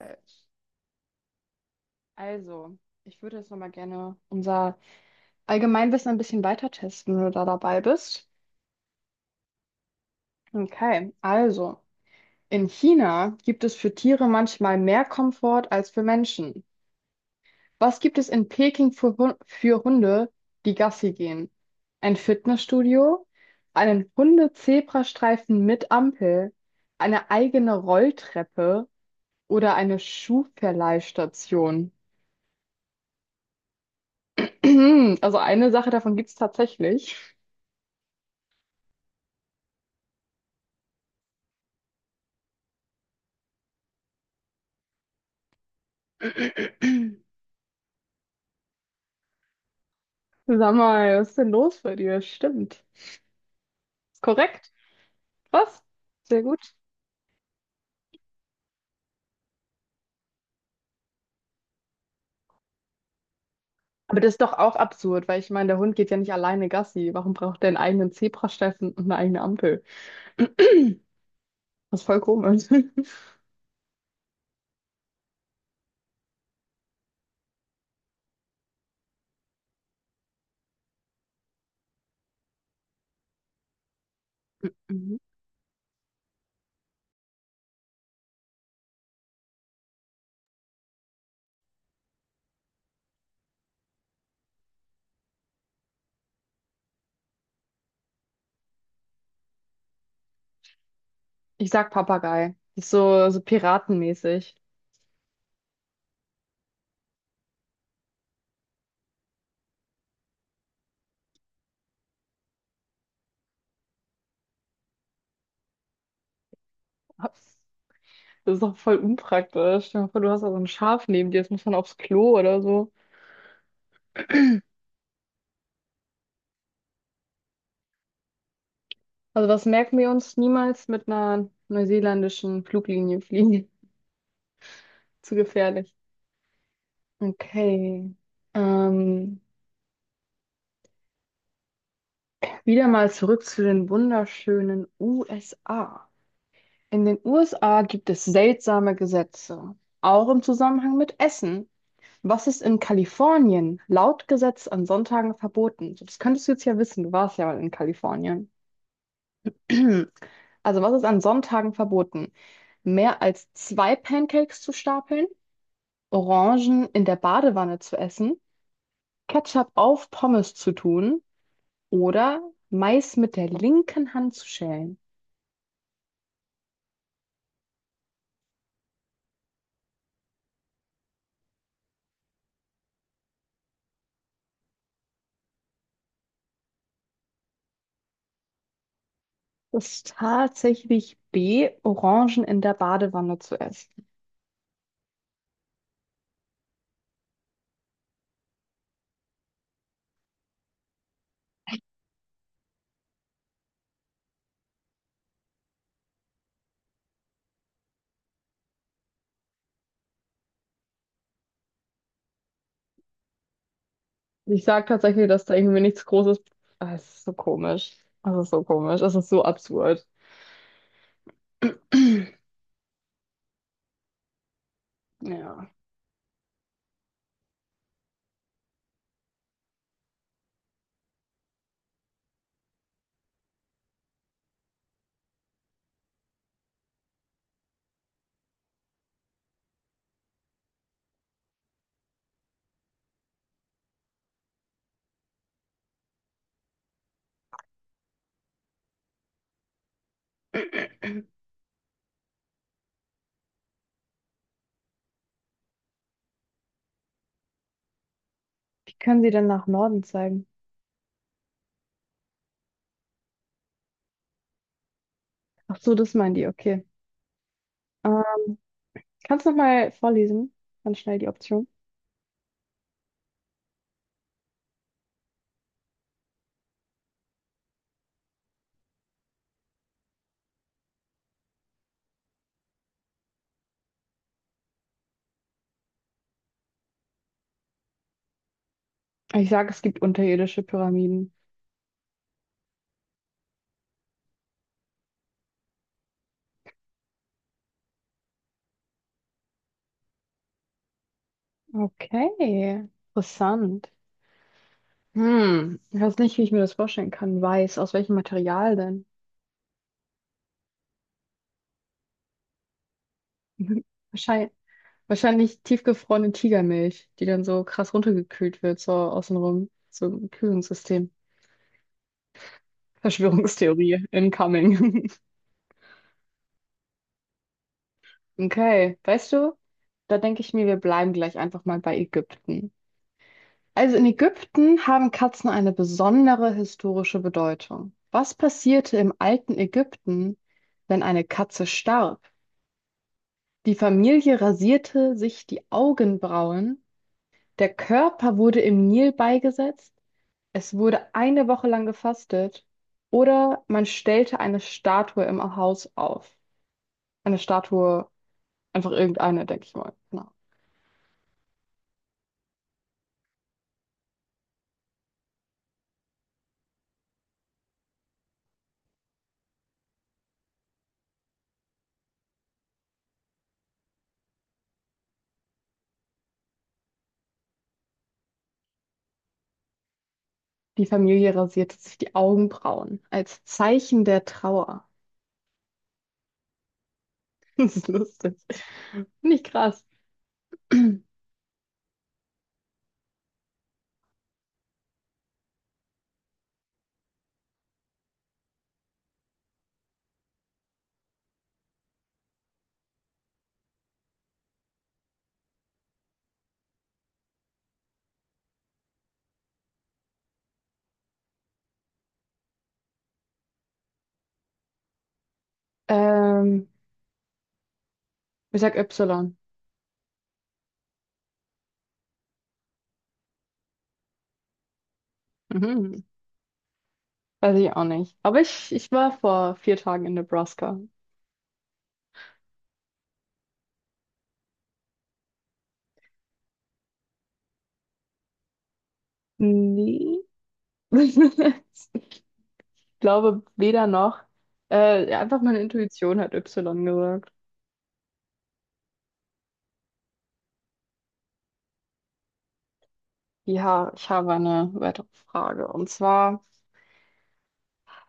Äh, Also, Ich würde jetzt nochmal gerne unser Allgemeinwissen ein bisschen weiter testen, wenn du da dabei bist. Okay, also, in China gibt es für Tiere manchmal mehr Komfort als für Menschen. Was gibt es in Peking für, für Hunde, die Gassi gehen? Ein Fitnessstudio, einen Hunde-Zebrastreifen mit Ampel, eine eigene Rolltreppe oder eine Schuhverleihstation? Also eine Sache davon gibt es tatsächlich. Sag mal, was ist denn los bei dir? Stimmt. Ist korrekt. Was? Sehr gut. Aber das ist doch auch absurd, weil ich meine, der Hund geht ja nicht alleine Gassi. Warum braucht der einen eigenen Zebrastreifen und eine eigene Ampel? Das ist voll komisch. Mhm. Ich sag Papagei. Das ist so, so piratenmäßig. Das ist doch voll unpraktisch. Stell dir mal vor, du hast da so ein Schaf neben dir, jetzt muss man aufs Klo oder so. Also was merken wir uns? Niemals mit einer neuseeländischen Fluglinie fliegen? Zu gefährlich. Okay. Ähm, Wieder mal zurück zu den wunderschönen USA. In den USA gibt es seltsame Gesetze, auch im Zusammenhang mit Essen. Was ist in Kalifornien laut Gesetz an Sonntagen verboten? So, das könntest du jetzt ja wissen, du warst ja mal in Kalifornien. Also, was ist an Sonntagen verboten? Mehr als zwei Pancakes zu stapeln, Orangen in der Badewanne zu essen, Ketchup auf Pommes zu tun oder Mais mit der linken Hand zu schälen. Das ist tatsächlich B, Orangen in der Badewanne zu essen. Ich sage tatsächlich, dass da irgendwie nichts Großes. Ah, es ist so komisch. Es ist so komisch. Es ist so absurd. Ja. Wie können Sie denn nach Norden zeigen? Ach so, das meinen die. Okay. Ähm, Kannst du nochmal vorlesen? Ganz schnell die Option. Ich sage, es gibt unterirdische Pyramiden. Okay. Interessant. Hm, ich weiß nicht, wie ich mir das vorstellen kann. Weiß, aus welchem Material denn? Wahrscheinlich, wahrscheinlich tiefgefrorene Tigermilch, die dann so krass runtergekühlt wird, so außenrum. So ein Kühlungssystem. Verschwörungstheorie incoming. Okay, weißt du, da denke ich mir, wir bleiben gleich einfach mal bei Ägypten. Also in Ägypten haben Katzen eine besondere historische Bedeutung. Was passierte im alten Ägypten, wenn eine Katze starb? Die Familie rasierte sich die Augenbrauen. Der Körper wurde im Nil beigesetzt. Es wurde eine Woche lang gefastet. Oder man stellte eine Statue im Haus auf. Eine Statue, einfach irgendeine, denke ich mal. Genau. Die Familie rasierte sich die Augenbrauen als Zeichen der Trauer. Das ist lustig. Finde ich krass. Ähm, Ich sag Y. Mhm. Weiß ich auch nicht. Aber ich war vor 4 Tagen in Nebraska. Nee. Ich glaube weder noch. Ja, einfach meine Intuition hat Y gesagt. Ja, ich habe eine weitere Frage. Und zwar,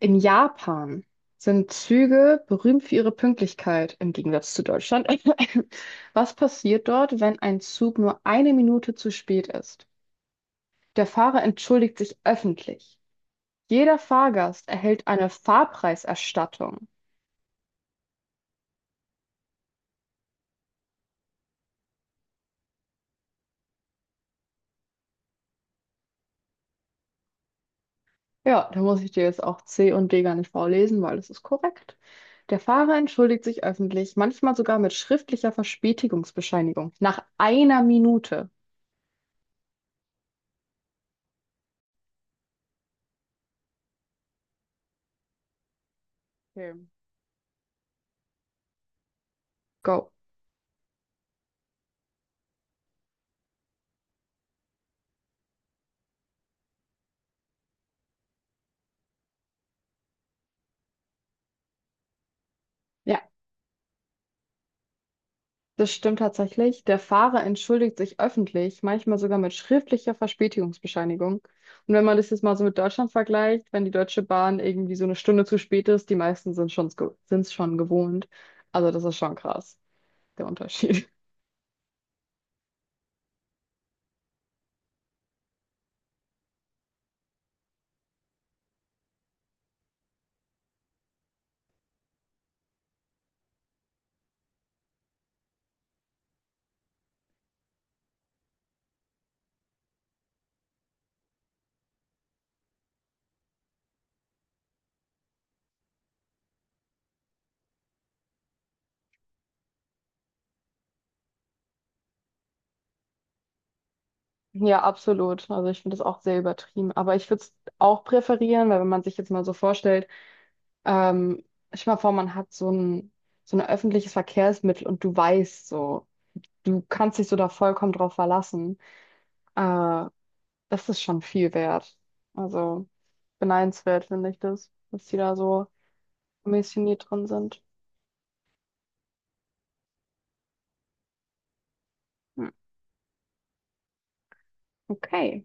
in Japan sind Züge berühmt für ihre Pünktlichkeit, im Gegensatz zu Deutschland. Was passiert dort, wenn ein Zug nur 1 Minute zu spät ist? Der Fahrer entschuldigt sich öffentlich. Jeder Fahrgast erhält eine Fahrpreiserstattung. Ja, da muss ich dir jetzt auch C und D gar nicht vorlesen, weil das ist korrekt. Der Fahrer entschuldigt sich öffentlich, manchmal sogar mit schriftlicher Verspätigungsbescheinigung. Nach 1 Minute. Okay. Go. Ja, das stimmt tatsächlich. Der Fahrer entschuldigt sich öffentlich, manchmal sogar mit schriftlicher Verspätigungsbescheinigung. Und wenn man das jetzt mal so mit Deutschland vergleicht, wenn die Deutsche Bahn irgendwie so 1 Stunde zu spät ist, die meisten sind schon, sind es schon gewohnt. Also das ist schon krass, der Unterschied. Ja, absolut. Also ich finde das auch sehr übertrieben. Aber ich würde es auch präferieren, weil wenn man sich jetzt mal so vorstellt, ähm, stell dir mal vor, man hat so ein öffentliches Verkehrsmittel und du weißt so, du kannst dich so da vollkommen drauf verlassen. Äh, Das ist schon viel wert. Also beneidenswert finde ich das, dass die da so missioniert drin sind. Hm, okay.